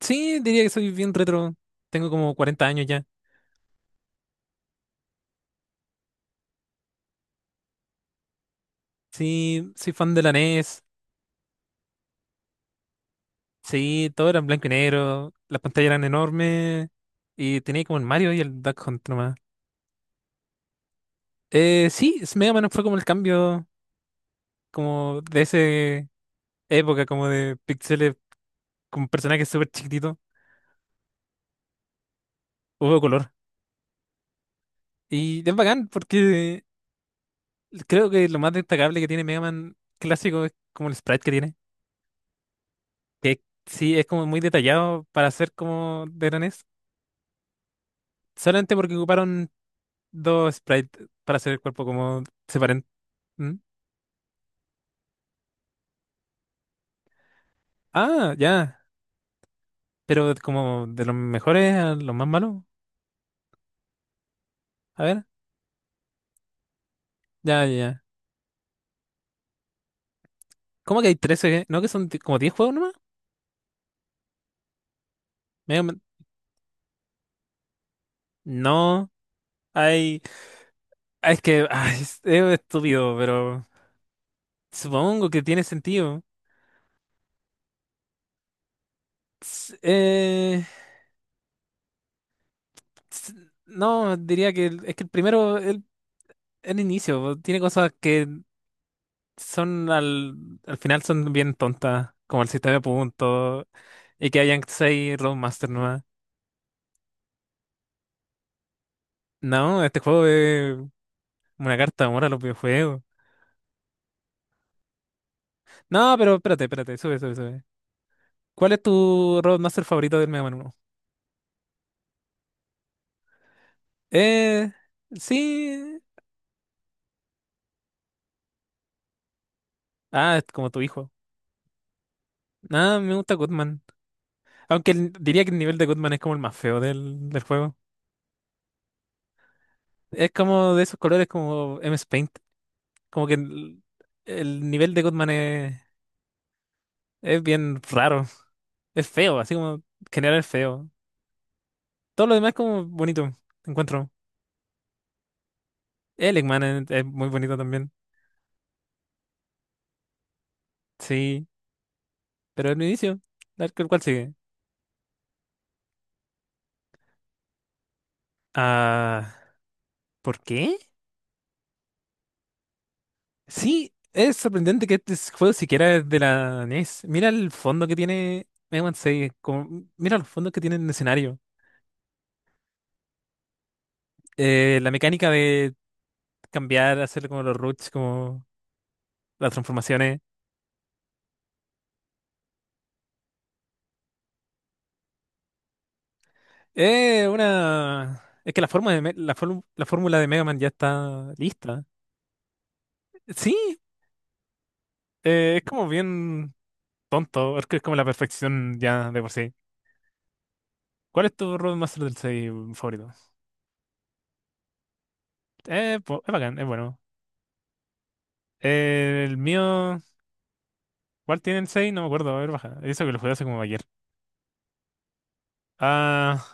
Sí, diría que soy bien retro. Tengo como 40 años ya. Sí, soy fan de la NES. Sí, todo era en blanco y negro. Las pantallas eran enormes. Y tenía como el Mario y el Duck Hunt nomás. Sí. Mega Man fue como el cambio como de esa época, como de píxeles con personajes súper chiquititos. Hubo color. Y es bacán porque creo que lo más destacable que tiene Mega Man clásico es como el sprite que tiene. Que sí, es como muy detallado para ser como de la NES. Solamente porque ocuparon dos sprites para hacer el cuerpo como separen. ¿Mm? Ah, ya. Pero como de los mejores a los más malos. A ver, ya, ya, ya. ¿Cómo que hay 13? ¿Eh? ¿No que son como 10 juegos nomás? Medio men- No, hay. Es que ay, es estúpido, pero supongo que tiene sentido. S- eh, s- No, diría que es que el primero, el inicio, tiene cosas que son al final son bien tontas, como el sistema de puntos y que hayan seis Roadmaster nuevas. No, este juego es una carta de amor a los videojuegos. No, pero espérate, espérate, sube, sube, sube. ¿Cuál es tu Roadmaster favorito del Mega Man 1? Eh, sí. Ah, es como tu hijo. Ah, me gusta Goodman. Aunque diría que el nivel de Goodman es como el más feo del juego. Es como de esos colores como M S Paint. Como que el nivel de Goodman es bien raro. Es feo, así como general es feo. Todo lo demás es como bonito, encuentro. El Eggman es muy bonito también. Sí, pero el inicio, el cual sigue. Ah, ¿por qué? Sí, es sorprendente que este juego siquiera es de la NES. Mira el fondo que tiene Eggman 6, mira los fondos que tiene el escenario. La mecánica de cambiar, hacer como los roots, como las transformaciones. Es que la forma de, Me- la, form- la fórmula de Mega Man ya está lista. Sí. Es como bien tonto, es que es como la perfección ya de por sí. ¿Cuál es tu Road Master del 6 favorito? Es bacán, es bueno. El mío, ¿cuál tiene el seis? No me acuerdo, a ver, baja. Eso que lo jugué hace como ayer. Ah,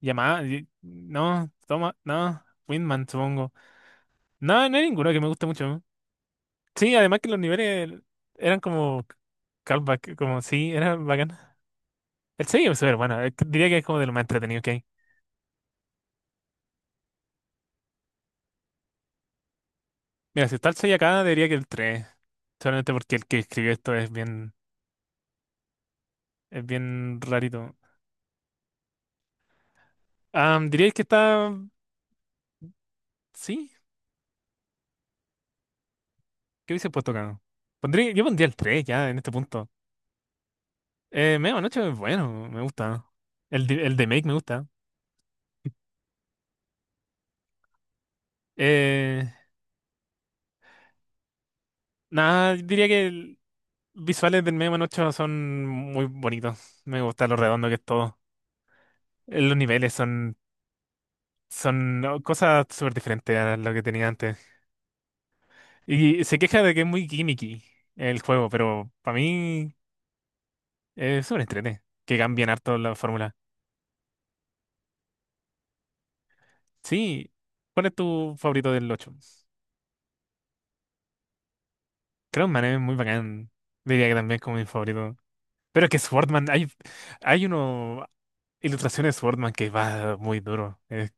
Yamaha, no, toma, no, Windman, supongo. No, no hay ninguno que me guste mucho. Sí, además que los niveles eran como callback, como sí, era bacán. El 6 es súper bueno, diría que es como de lo más entretenido que hay. Mira, si está el 6 acá, diría que el tres. Solamente porque el que escribió esto es bien rarito. Ah, diríais que está. Sí, ¿qué hubiese puesto acá? Yo pondría el 3 ya en este punto. Media Noche es bueno, me gusta. El de Make me gusta. Eh, Nada, diría que visuales del Media Noche son muy bonitos. Me gusta lo redondo que es todo. Los niveles son oh, cosas súper diferentes a lo que tenía antes. Y se queja de que es muy gimmicky el juego, pero para mí. Es súper entrete. Que cambian harto la fórmula. Sí. ¿Cuál es tu favorito del ocho? Creo Man es muy bacán. Diría que también es como mi favorito. Pero es que Swordman, hay uno ilustraciones de Swordman que va muy duro. Es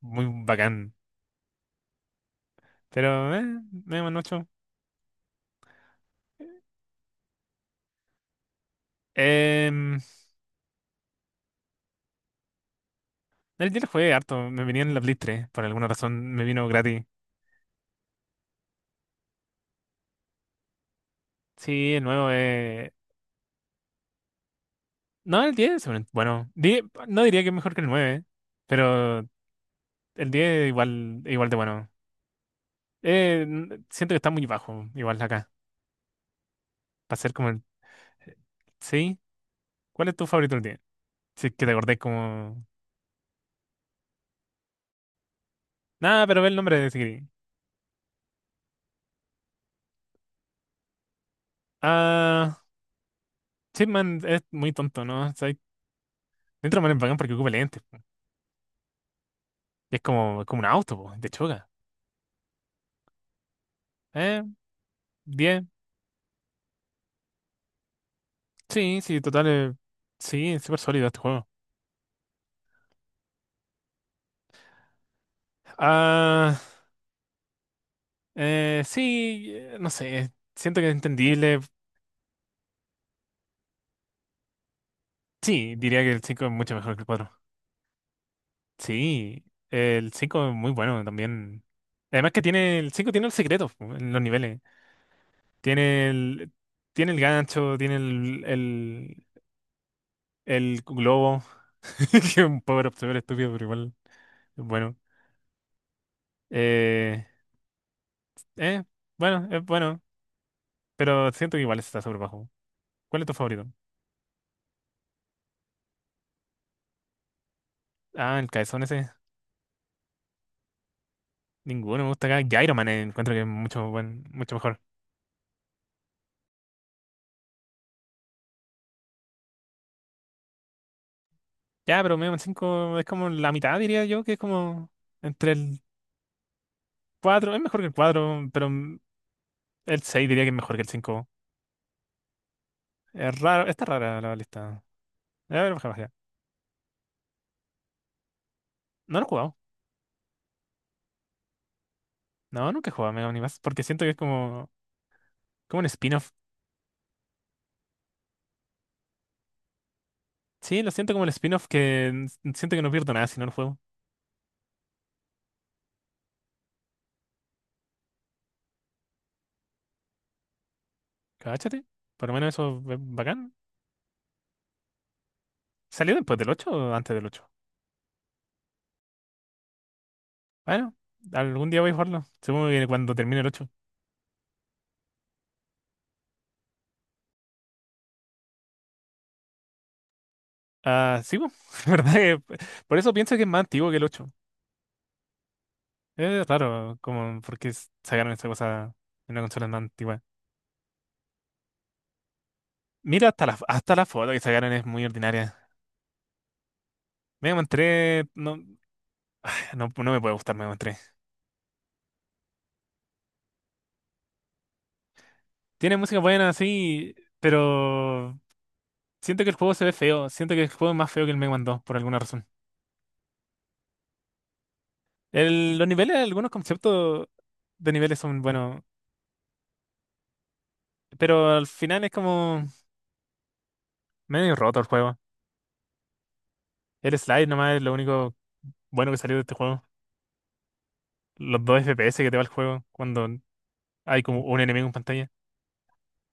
muy bacán. Pero, me un Em, el día lo jugué harto. Me venía en la Play 3. Por alguna razón me vino gratis. Sí, el nuevo es. No, el 10 bueno, no diría que es mejor que el 9 pero el 10 igual de bueno. Siento que está muy bajo, igual acá. Para ser como el. ¿Sí? ¿Cuál es tu favorito del día? Si es que te acordé como. Nada, pero ve el nombre de Sigrid. Ah, Chipman es muy tonto, ¿no? O dentro man es bacán porque ocupa lentes, po. Y es como un auto, po, de choca. Eh, 10. Sí, sí, total. Sí, es súper sólido este juego. Ah, sí, no sé. Siento que es entendible. Sí, diría que el 5 es mucho mejor que el cuatro. Sí, el 5 es muy bueno también. Además que tiene el 5 tiene los secretos po, en los niveles. Tiene el Tiene el gancho, tiene el globo, que es un power up súper estúpido, pero igual es bueno. Eh, eh, bueno, es bueno, pero siento que igual está súper bajo. ¿Cuál es tu favorito? Ah, el caezón ese. Ninguno me gusta acá. Gyro Man, encuentro que es mucho mejor. Ya, pero Mega Man 5 es como la mitad, diría yo, que es como entre el 4 es mejor que el cuatro. Pero el 6 diría que es mejor que el cinco. Es raro, está rara la lista. A ver, bajé, bajé. No lo he jugado. No, nunca he jugado a Mega Man X, porque siento que es como un spin-off. Sí, lo siento como el spin-off siento que no pierdo nada si no lo juego. Cáchate. Por lo menos eso es bacán. ¿Salió después del ocho o antes del ocho? Bueno, algún día voy a jugarlo. Supongo que cuando termine el ocho. Ah, sí, po. La verdad que por eso pienso que es más antiguo que el ocho. Es raro, como, porque sacaron esa cosa en una consola más antigua. Mira, hasta la foto que sacaron es muy ordinaria. Mega Man 3 no, no, no me puede gustar Mega Man 3. Tiene música buena, sí, pero siento que el juego se ve feo. Siento que el juego es más feo que el Mega Man 2 por alguna razón. Los niveles, algunos conceptos de niveles son buenos, pero al final es como medio roto el juego. El slide nomás es lo único bueno que salió de este juego. Los 2 FPS que te va el juego cuando hay como un enemigo en pantalla.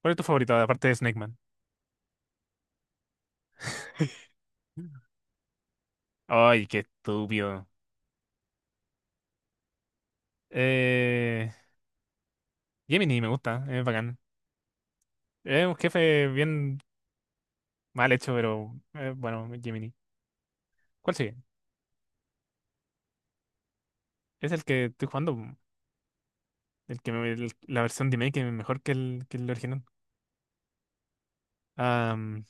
¿Cuál es tu favorito, aparte de Snake Man? Ay, qué estúpido. Eh, Gemini me gusta, es bacán. Es un jefe bien mal hecho, pero, bueno, Gemini. ¿Cuál sigue? Es el que estoy jugando, el que la versión de que es mejor que el original. Ah,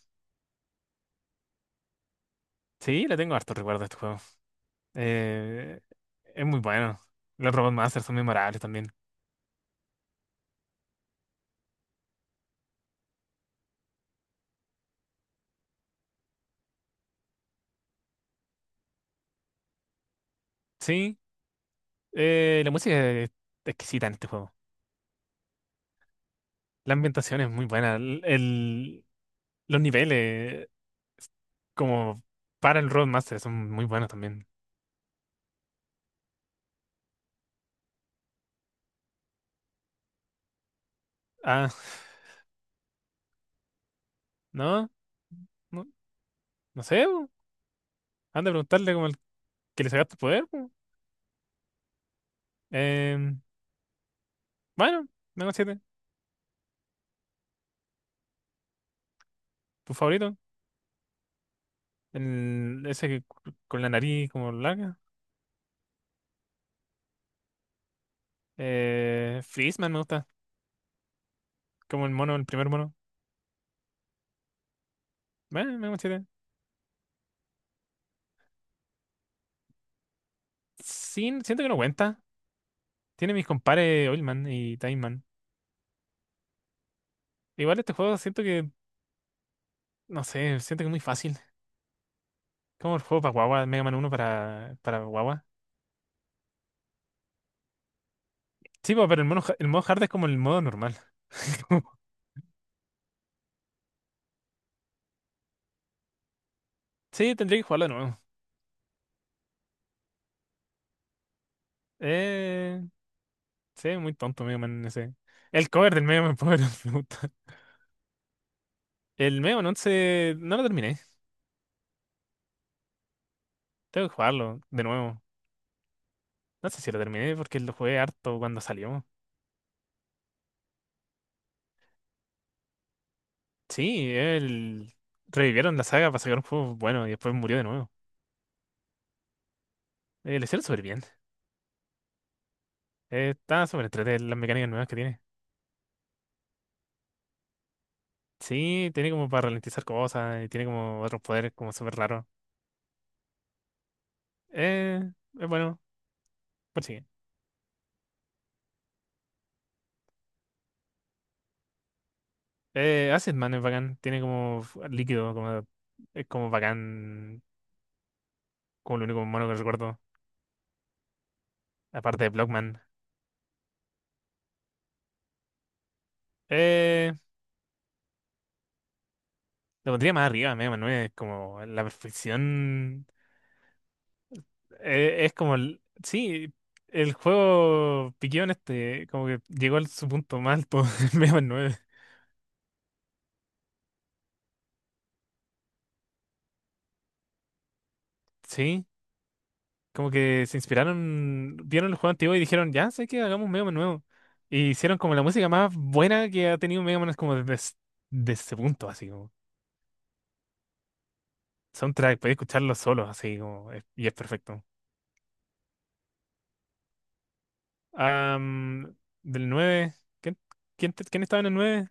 sí, le tengo harto recuerdo a este juego. Eh, es muy bueno. Los Robot Masters son memorables también. Sí, la música es exquisita en este juego. La ambientación es muy buena. Los niveles, como para el Robot Master, son muy buenos también. Ah, no, no, no sé, bo. Han de preguntarle como que le sacaste el poder, po. Eh, bueno, menos 7. Tu favorito. Ese que con la nariz como larga. Freezeman me gusta. Como el mono, el primer mono. Bueno, menos 7. Sin, Siento que no cuenta. Tiene mis compares Oilman y Time Man. Igual este juego siento que, no sé, siento que es muy fácil. Como el juego para guagua, Mega Man uno para guagua. Sí, po, pero el modo hard es como el modo normal. Como- Sí, tendría que jugarlo de nuevo. Eh, Sí, muy tonto Mega Man ese. El cover del Mega Man Power Up me gusta. El Mega Man 11 no lo terminé. Tengo que jugarlo de nuevo. No sé si lo terminé porque lo jugué harto cuando salió. Sí, él revivieron la saga para sacar un juego bueno y después murió de nuevo. Lo hicieron súper bien. Está súper entretenido las mecánicas nuevas que tiene. Sí, tiene como para ralentizar cosas y tiene como otros poderes como súper raros. Eh, es bueno, pues sí. Acid Man es bacán. Tiene como líquido, como. Es como bacán. Como lo único humano que recuerdo. Aparte de Blockman. Eh, lo pondría más arriba, Mega Man 9. Como la perfección. Es como, sí, el juego Piquión este. Como que llegó a su punto más alto en Mega Man 9. Sí. Como que se inspiraron. Vieron el juego antiguo y dijeron, ya sé que hagamos un Mega Man nuevo. Y hicieron como la música más buena que ha tenido Mega Man. Es como desde ese punto, así como. Soundtrack, podéis escucharlo solo, así como. Y es perfecto. Am, Del nueve. ¿Quién, Quién estaba en el nueve?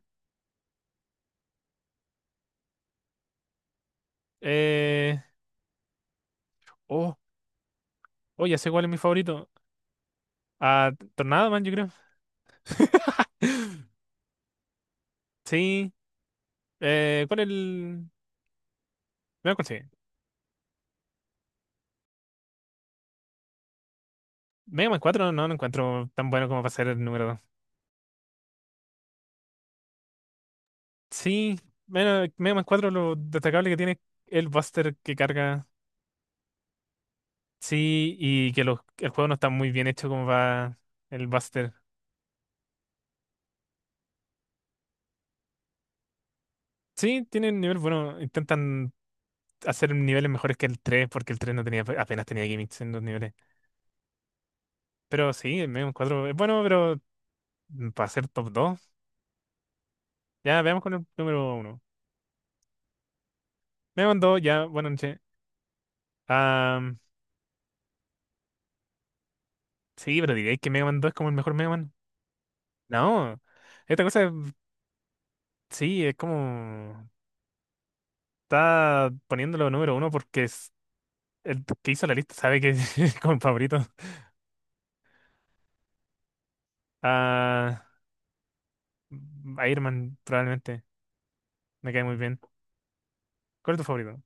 Eh, oh, oh, ya sé cuál es mi favorito. Ah, Tornado Man, yo creo. Sí. ¿Cuál es el...? Mega Man, sí. Mega Man cuatro no lo encuentro tan bueno como para ser el número dos. Sí. Bueno, Mega Man 4 lo destacable que tiene es el Buster que carga. Sí, y que el juego no está muy bien hecho como va el Buster. Sí, tiene un nivel bueno. Intentan hacer niveles mejores que el 3 porque el 3 no tenía, apenas tenía gimmicks en los niveles. Pero sí, el Megon 4 es bueno, pero para ser top 2 ya veamos con el número uno. Mega Man 2, ya, buena noche. Am, sí, pero diréis que Mega Man 2 es como el mejor Mega Man. No, esta cosa sí, es como está poniéndolo número uno porque es el que hizo la lista sabe que es como favorito. Ah, Iron Man probablemente, me cae muy bien. ¿Cuál es tu favorito?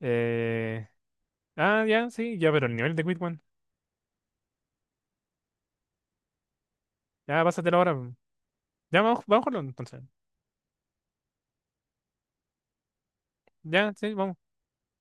Eh, ah, ya, sí, ya, pero el nivel de Quick. Ya, pásatelo ahora. Ya, vamos, vamos a jugarlo entonces. Ya, sí, vamos.